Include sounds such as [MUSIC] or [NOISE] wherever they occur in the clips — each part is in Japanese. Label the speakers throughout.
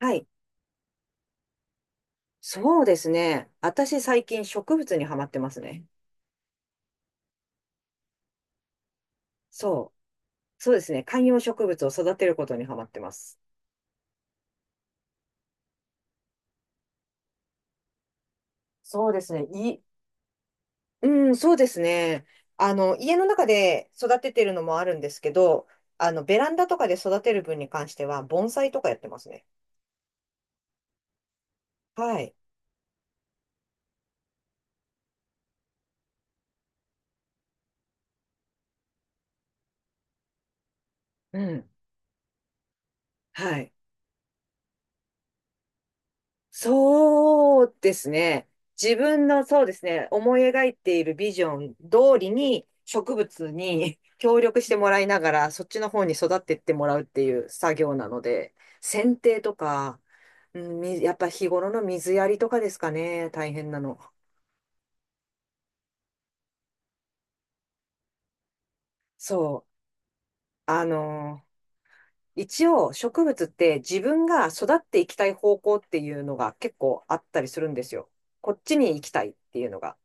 Speaker 1: はい。そうですね。私最近植物にハマってますね。そう。そうですね。観葉植物を育てることにハマってます。そうですね。うん、そうですね。家の中で育ててるのもあるんですけど、ベランダとかで育てる分に関しては、盆栽とかやってますね。はい。うん。はい。そうですね。自分のそうですね、思い描いているビジョン通りに植物に [LAUGHS] 協力してもらいながら、そっちの方に育っていってもらうっていう作業なので、剪定とか、うんみやっぱ日頃の水やりとかですかね、大変なの。そう。あの一応植物って自分が育っていきたい方向っていうのが結構あったりするんですよ。こっちに行きたいっていうのが。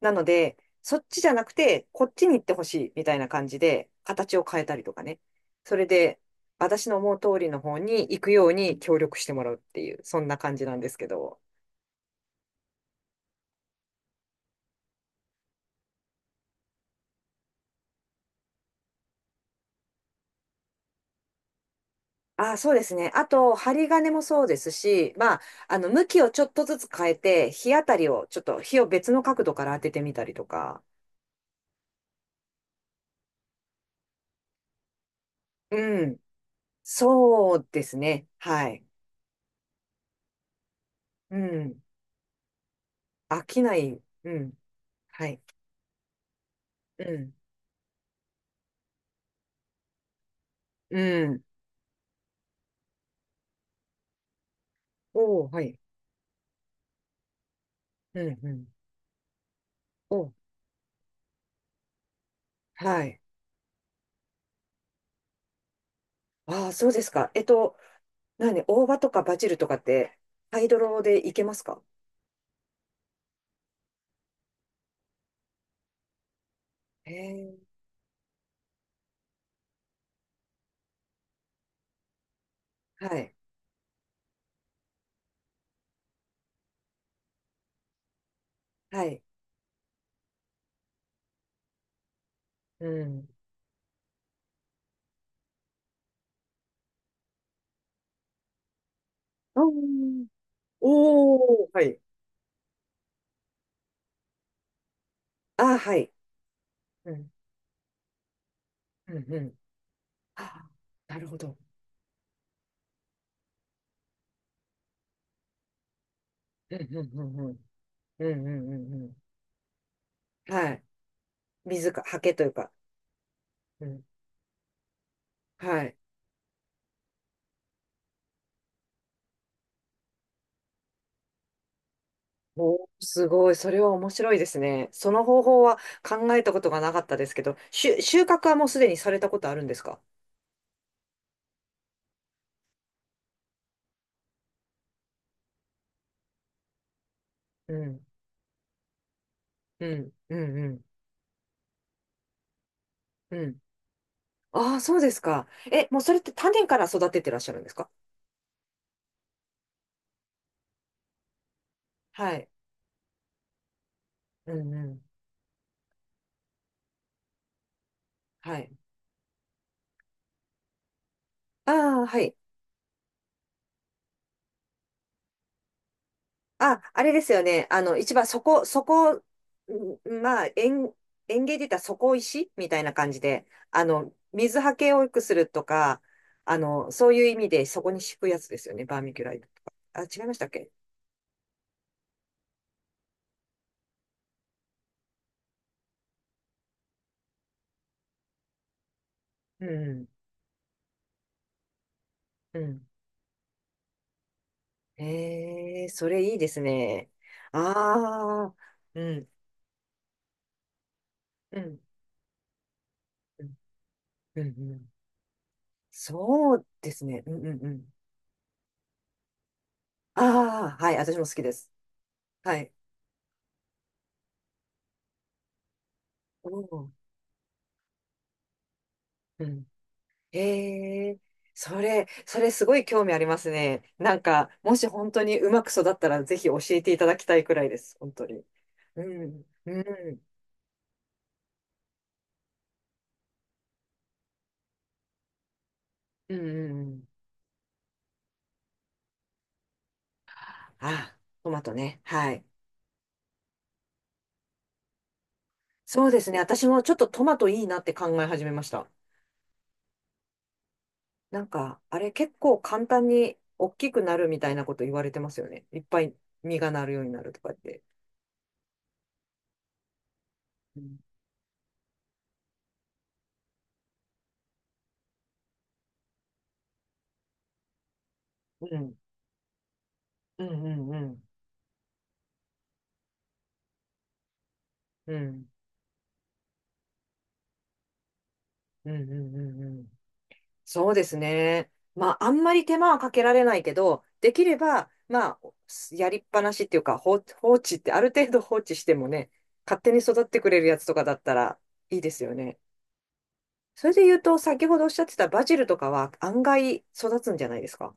Speaker 1: なので、そっちじゃなくて、こっちに行ってほしいみたいな感じで、形を変えたりとかね。それで、私の思う通りの方に行くように協力してもらうっていう、そんな感じなんですけど。ああ、そうですね。あと、針金もそうですし、まあ、向きをちょっとずつ変えて、日当たりを、ちょっと日を別の角度から当ててみたりとか。うん。そうですね。はい。うん。飽きない。うん。はい。うん。うん。おー、はい。うん、うん。おー、はい。ああ、そうですか。何、大葉とかバジルとかって、ハイドロでいけますか？へえ、はい。はい。うん。あー。おー、はい。ああ、はい。うん。うん、うん。ああ、なるほど。うん、うん、うん、うん。うん、うん、うん。うん。はい。水か、刷毛というか。うん。はい。おー、すごい。それは面白いですね。その方法は考えたことがなかったですけど、収穫はもうすでにされたことあるんですか？うん、うん、うん、うん、うん。ああ、そうですか。え、もうそれって種から育ててらっしゃるんですか？はい。うん、うん。はい。ああ、はい。あ、あれですよね。一番そこ、まあ、園芸で言ったら底石みたいな感じで、水はけを良くするとか、そういう意味でそこに敷くやつですよね。バーミキュライトとか。あ、違いましたっけ？うん、うん。ええ、それいいですね。ああ、うん、うん、うん、うん。うん。そうですね。うん、うん、うん。ああ、はい、私も好きです。はい。おー。うん。ええ、それすごい興味ありますね。なんか、もし本当にうまく育ったら、ぜひ教えていただきたいくらいです。本当に。うん、うん、うん、うんうん。あ、トマトね。はい。そうですね。私もちょっとトマトいいなって考え始めました。なんか、あれ結構簡単に大きくなるみたいなこと言われてますよね。いっぱい実がなるようになるとかって。うん、うん、うん、うん、うん、うん、うん、うん、うん。うん。そうですね。まあ、あんまり手間はかけられないけど、できれば、まあ、やりっぱなしっていうか、放置って、ある程度放置してもね、勝手に育ってくれるやつとかだったらいいですよね。それで言うと、先ほどおっしゃってたバジルとかは案外育つんじゃないですか？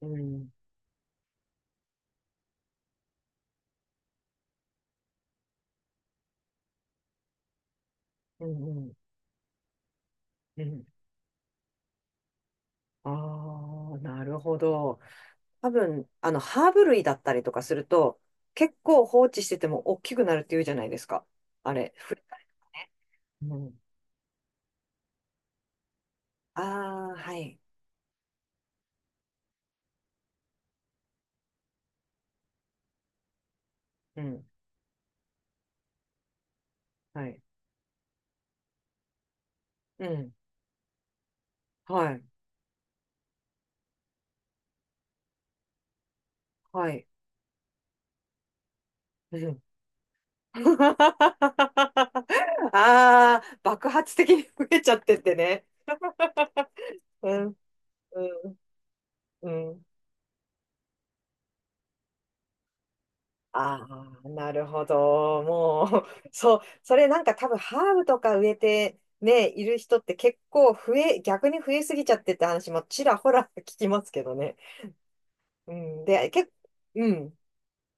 Speaker 1: うん。うん、うん、うん。ああ、なるほど。多分、ハーブ類だったりとかすると、結構放置してても大きくなるっていうじゃないですか。あれ、ね。うん。ああ、はい。うん。はい。うん。はい。はい。うん。[LAUGHS] ああ、爆発的に増えちゃってってね。うん。うん。うん。ああ、なるほど。もう、[LAUGHS] そう、それなんか多分ハーブとか植えてね、いる人って結構増え、逆に増えすぎちゃってって話もちらほら聞きますけどね。うん。で、結構、うん。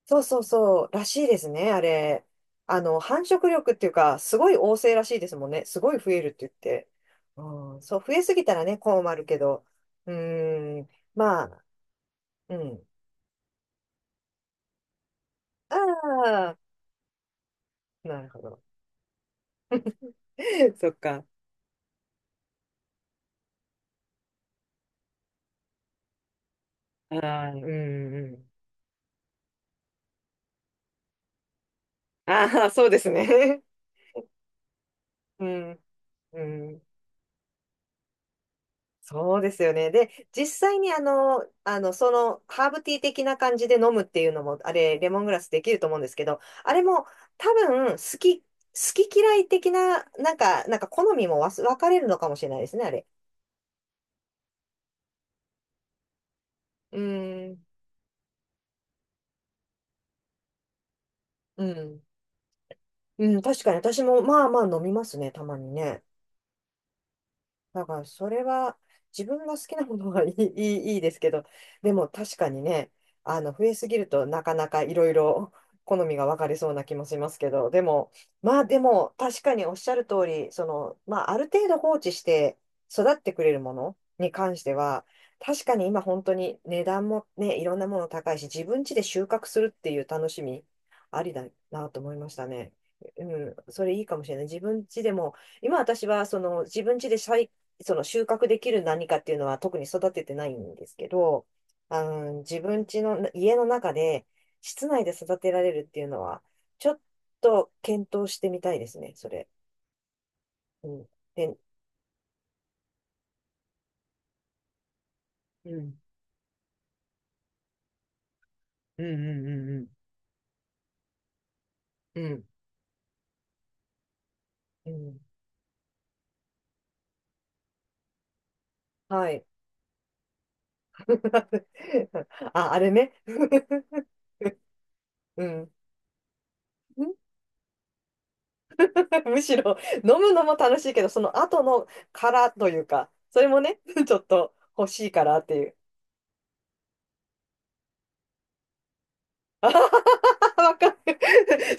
Speaker 1: そうそうそう、らしいですね、あれ。繁殖力っていうか、すごい旺盛らしいですもんね。すごい増えるって言って。うん、そう、増えすぎたらね、困るけど。うーん、まあ、うん。ああ、なるほど。[LAUGHS] そっか。ああ、うん、うん。ああ、そうですね。[LAUGHS] うん、うん。そうですよね。で、実際にハーブティー的な感じで飲むっていうのも、あれ、レモングラスできると思うんですけど、あれも多分、好き嫌い的な、なんか好みも分かれるのかもしれないですね、あれ。うーん、うん、うん、確かに私も、まあまあ飲みますね、たまにね。だから、それは自分が好きなものは [LAUGHS] いいですけど、でも確かにね、増えすぎるとなかなかいろいろ [LAUGHS] 好みが分かれそうな気もしますけど、でも、まあでも確かにおっしゃる通り、その、まあある程度放置して育ってくれるものに関しては、確かに今本当に値段もね、いろんなもの高いし、自分家で収穫するっていう楽しみ、ありだなと思いましたね。うん、それいいかもしれない。自分家でも今私はその自分家で栽その収穫できる何かっていうのは特に育ててないんですけど、自分家の家の中で室内で育てられるっていうのは、ちょっと検討してみたいですね、それ。うん。で、うん。うんうんうんうん。うん。うん。はい。[LAUGHS] あ、あれね。[LAUGHS] うん。[LAUGHS] むしろ飲むのも楽しいけど、その後の殻というか、それもね、[LAUGHS] ちょっと欲しいからっていう。[LAUGHS] あははわかる。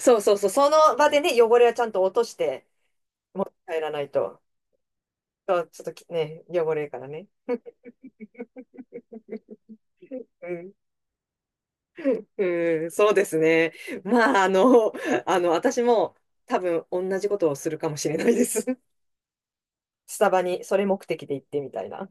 Speaker 1: [LAUGHS] そうそうそう。その場でね、汚れはちゃんと落として帰らないと。そうちょっとね、汚れるからね。うん。うん、そうですね。まあ、私も多分同じことをするかもしれないです。スタバにそれ目的で行ってみたいな。